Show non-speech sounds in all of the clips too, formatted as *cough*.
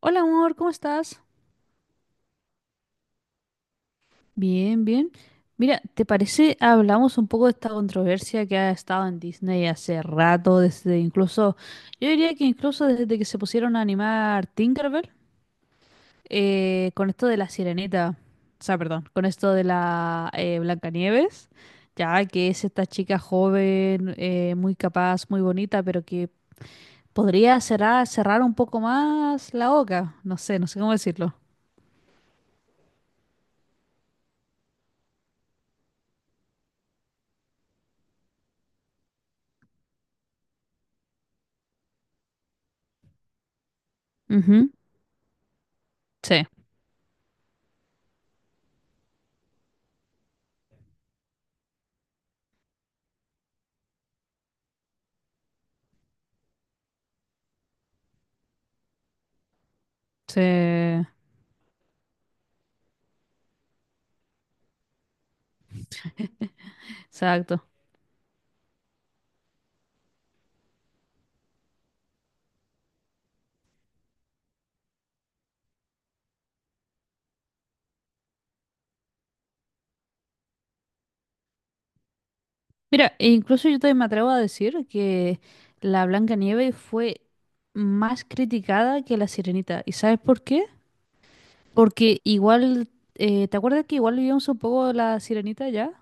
Hola amor, ¿cómo estás? Bien, bien. Mira, ¿te parece hablamos un poco de esta controversia que ha estado en Disney hace rato, desde incluso, yo diría que incluso desde que se pusieron a animar Tinkerbell, con esto de la Sirenita? O sea, perdón, con esto de la Blancanieves, ya que es esta chica joven, muy capaz, muy bonita, pero que podría cerrar un poco más la boca, no sé, no sé cómo decirlo. Ujú. Sí, sí. Exacto. Mira, e incluso yo también me atrevo a decir que la Blancanieves fue más criticada que la Sirenita. ¿Y sabes por qué? Porque igual, ¿te acuerdas que igual vimos un poco la Sirenita ya?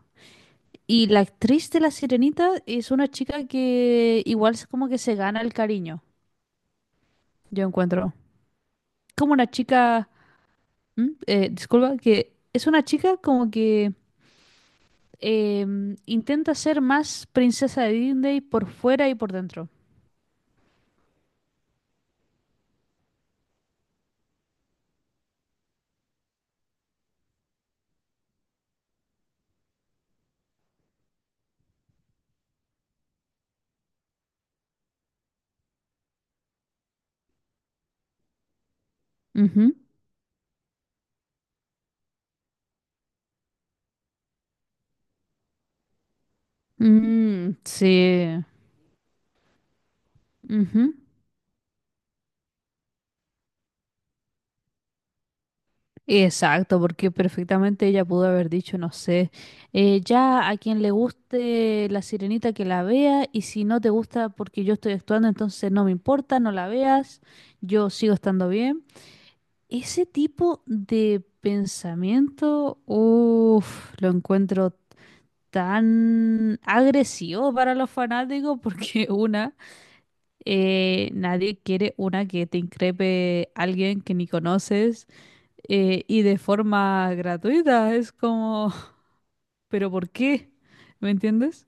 Y la actriz de la Sirenita es una chica que igual es como que se gana el cariño, yo encuentro. Como una chica, ¿Mm? Disculpa, que es una chica como que intenta ser más princesa de Disney por fuera y por dentro. Ujú. Mm, sí. Ujú. Exacto, porque perfectamente ella pudo haber dicho, no sé, ya a quien le guste la sirenita que la vea, y si no te gusta porque yo estoy actuando, entonces no me importa, no la veas, yo sigo estando bien. Ese tipo de pensamiento, uff, lo encuentro tan agresivo para los fanáticos porque *laughs* una... nadie quiere una que te increpe alguien que ni conoces y de forma gratuita. Es como, *laughs* ¿pero por qué? ¿Me entiendes?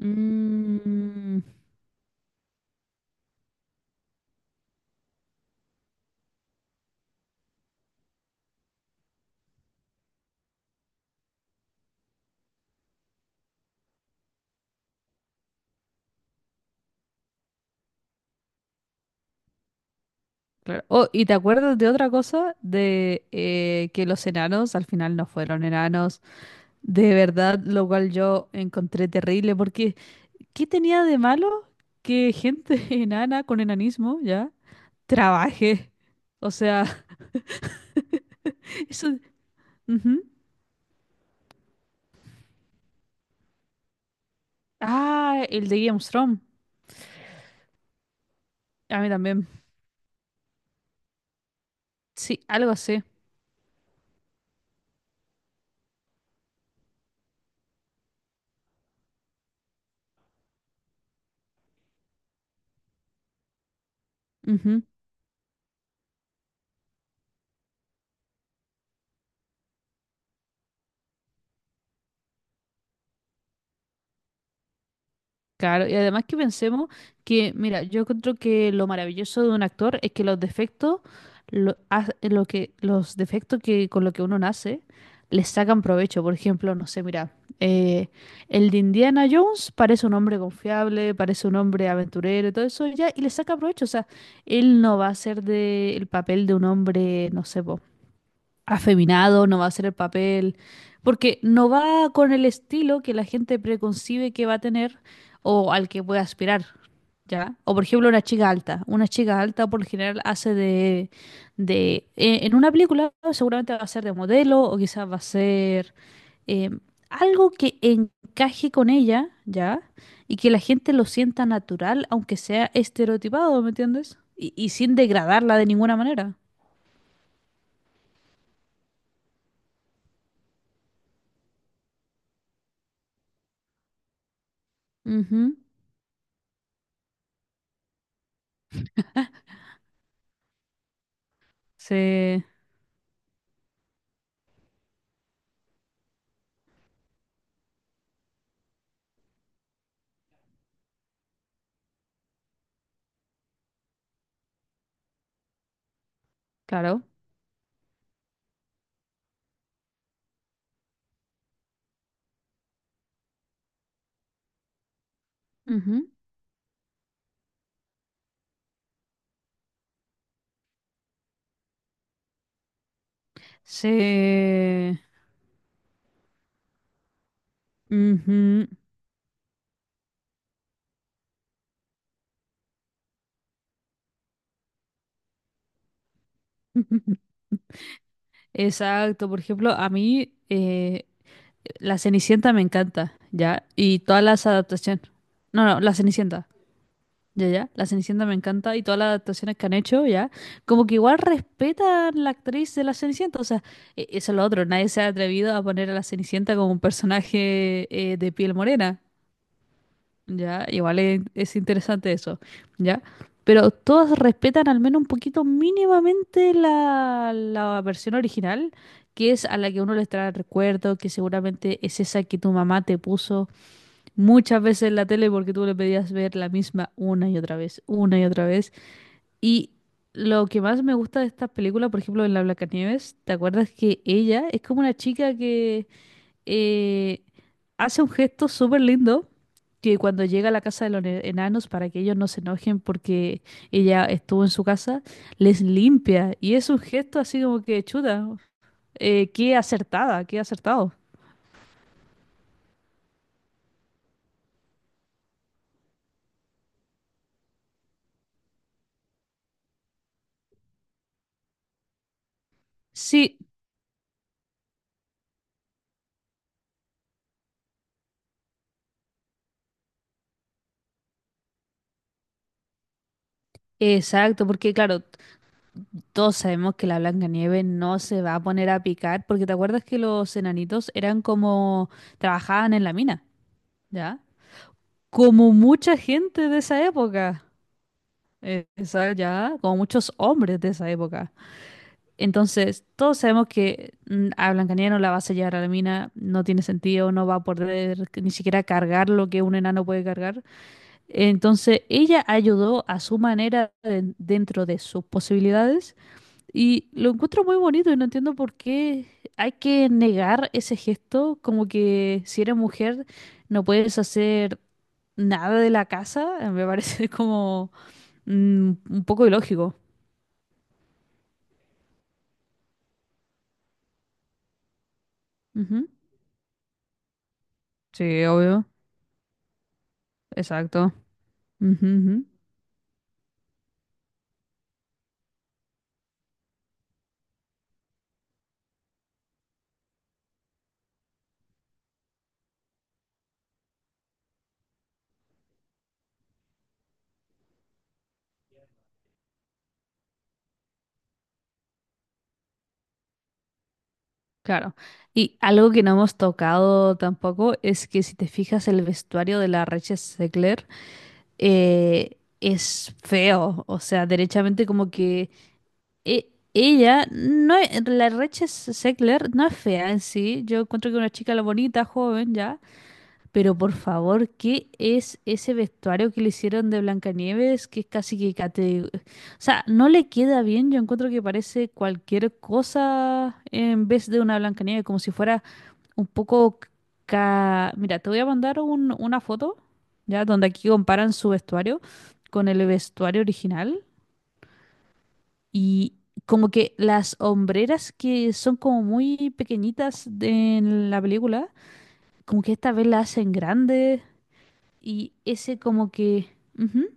Mm, claro. Oh, ¿y te acuerdas de otra cosa? De que los enanos al final no fueron enanos. De verdad, lo cual yo encontré terrible porque ¿qué tenía de malo que gente *laughs* enana con enanismo ya trabaje? O sea, *laughs* eso... ujú. Ah, el de Game of Thrones. A mí también. Sí, algo así. Ujú. Claro, y además que pensemos que, mira, yo encuentro que lo maravilloso de un actor es que los defectos, lo, ha- lo que, los defectos que con lo que uno nace, les sacan provecho. Por ejemplo, no sé, mira, eh, el de Indiana Jones parece un hombre confiable, parece un hombre aventurero, y todo eso ya, y le saca provecho. O sea, él no va a ser de el papel de un hombre, no sé, po, afeminado, no va a hacer el papel, porque no va con el estilo que la gente preconcibe que va a tener o al que puede aspirar, ¿ya? O por ejemplo una chica alta por lo general hace de en una película seguramente va a ser de modelo o quizás va a ser eh, algo que encaje con ella, ¿ya? Y que la gente lo sienta natural, aunque sea estereotipado, ¿me entiendes? Y sin degradarla de ninguna manera. Ujú. Sí. Claro. Ujú. Se... ujú. *laughs* Exacto. Por ejemplo, a mí la Cenicienta me encanta, ¿ya? Y todas las adaptaciones. No, no, la Cenicienta. Ya, ya. La Cenicienta me encanta y todas las adaptaciones que han hecho, ¿ya? Como que igual respetan la actriz de la Cenicienta. O sea, e- eso es lo otro. Nadie se ha atrevido a poner a la Cenicienta como un personaje de piel morena. Ya, igual es interesante eso, ¿ya? Pero todas respetan al menos un poquito mínimamente la, la versión original, que es a la que uno les trae recuerdo, que seguramente es esa que tu mamá te puso muchas veces en la tele porque tú le pedías ver la misma una y otra vez, una y otra vez. Y lo que más me gusta de esta película, por ejemplo, en la Blancanieves, ¿te acuerdas que ella es como una chica eh, hace un gesto súper lindo que cuando llega a la casa de los ne- enanos para que ellos no se enojen porque ella estuvo en su casa, les limpia? Y es un gesto así como que chuta, qué acertada, qué acertado. Sí, exacto, porque claro, t- todos sabemos que la Blancanieves no se va a poner a picar, porque te acuerdas que los enanitos eran como trabajaban en la mina, ¿ya? Como mucha gente de esa época. Eh, esa ya, como muchos hombres de esa época. Entonces, todos sabemos que mm, a Blancanieves no la va a sellar a la mina, no tiene sentido, no va a poder ni siquiera cargar lo que un enano puede cargar. Entonces, ella ayudó a su manera de- dentro de sus posibilidades y lo encuentro muy bonito y no entiendo por qué hay que negar ese gesto, como que si eres mujer no puedes hacer nada de la casa, me parece *laughs* como mm, un poco ilógico. Ujú. Sí, obvio, exacto. Ujú, ujú. Claro. Y algo que no hemos tocado tampoco es que si te fijas el vestuario de la Reche Zegler es feo, o sea, derechamente como que e- ella, no e- la Reche Zegler no es fea en sí, yo encuentro que una chica la bonita, joven ya, pero por favor, ¿qué es ese vestuario que le hicieron de Blancanieves? Que es casi que cate... O sea, no le queda bien. Yo encuentro que parece cualquier cosa en vez de una Blancanieves, como si fuera un poco... ca- Mira, te voy a mandar un- una foto, ¿ya? Donde aquí comparan su vestuario con el vestuario original. Y como que las hombreras que son como muy pequeñitas de- en la película, como que esta vez la hacen grande. Y ese como que... ujú.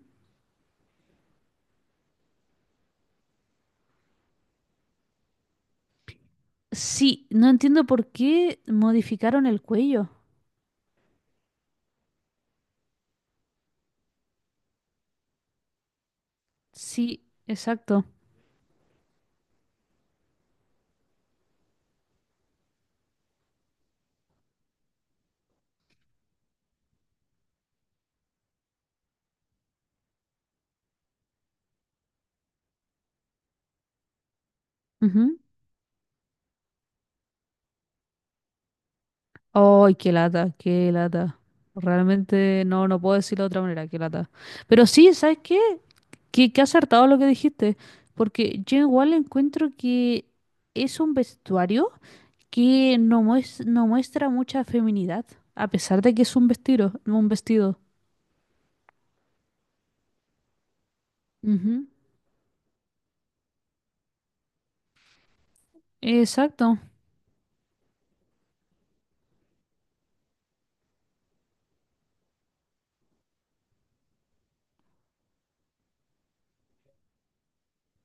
Sí, no entiendo por qué modificaron el cuello. Sí, exacto. Ujú. Ay, qué lata, qué lata. Realmente no, no puedo decirlo de otra manera, qué lata. Pero sí, ¿sabes qué? Que acertado lo que dijiste. Porque yo igual encuentro que es un vestuario que no, mues- no muestra mucha feminidad. A pesar de que es un vestido, un vestido. Ujú. Exacto.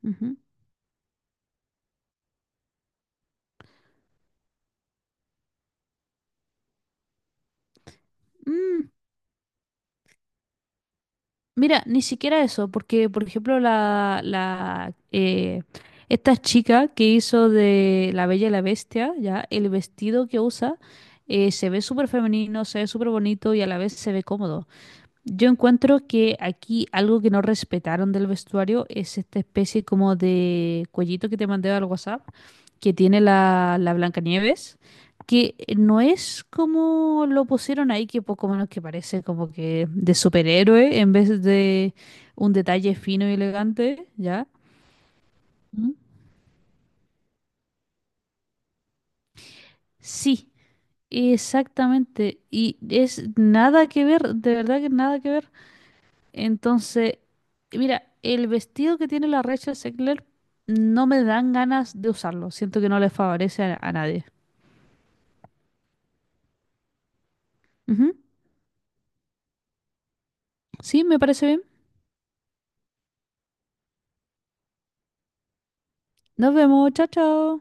Ujú. Mm, mira, ni siquiera eso, porque por ejemplo la, la esta chica que hizo de La Bella y la Bestia, ya, el vestido que usa se ve súper femenino, se ve súper bonito y a la vez se ve cómodo. Yo encuentro que aquí algo que no respetaron del vestuario es esta especie como de cuellito que te mandé al WhatsApp, que tiene la, la Blancanieves, que no es como lo pusieron ahí, que poco menos que parece como que de superhéroe en vez de un detalle fino y elegante, ¿ya? ¿Mm? Sí, exactamente. Y es nada que ver, de verdad que nada que ver. Entonces, mira, el vestido que tiene la Rachel Zegler no me dan ganas de usarlo. Siento que no le favorece a nadie. Ujú. Sí, me parece bien. Nos vemos. Chao, chao.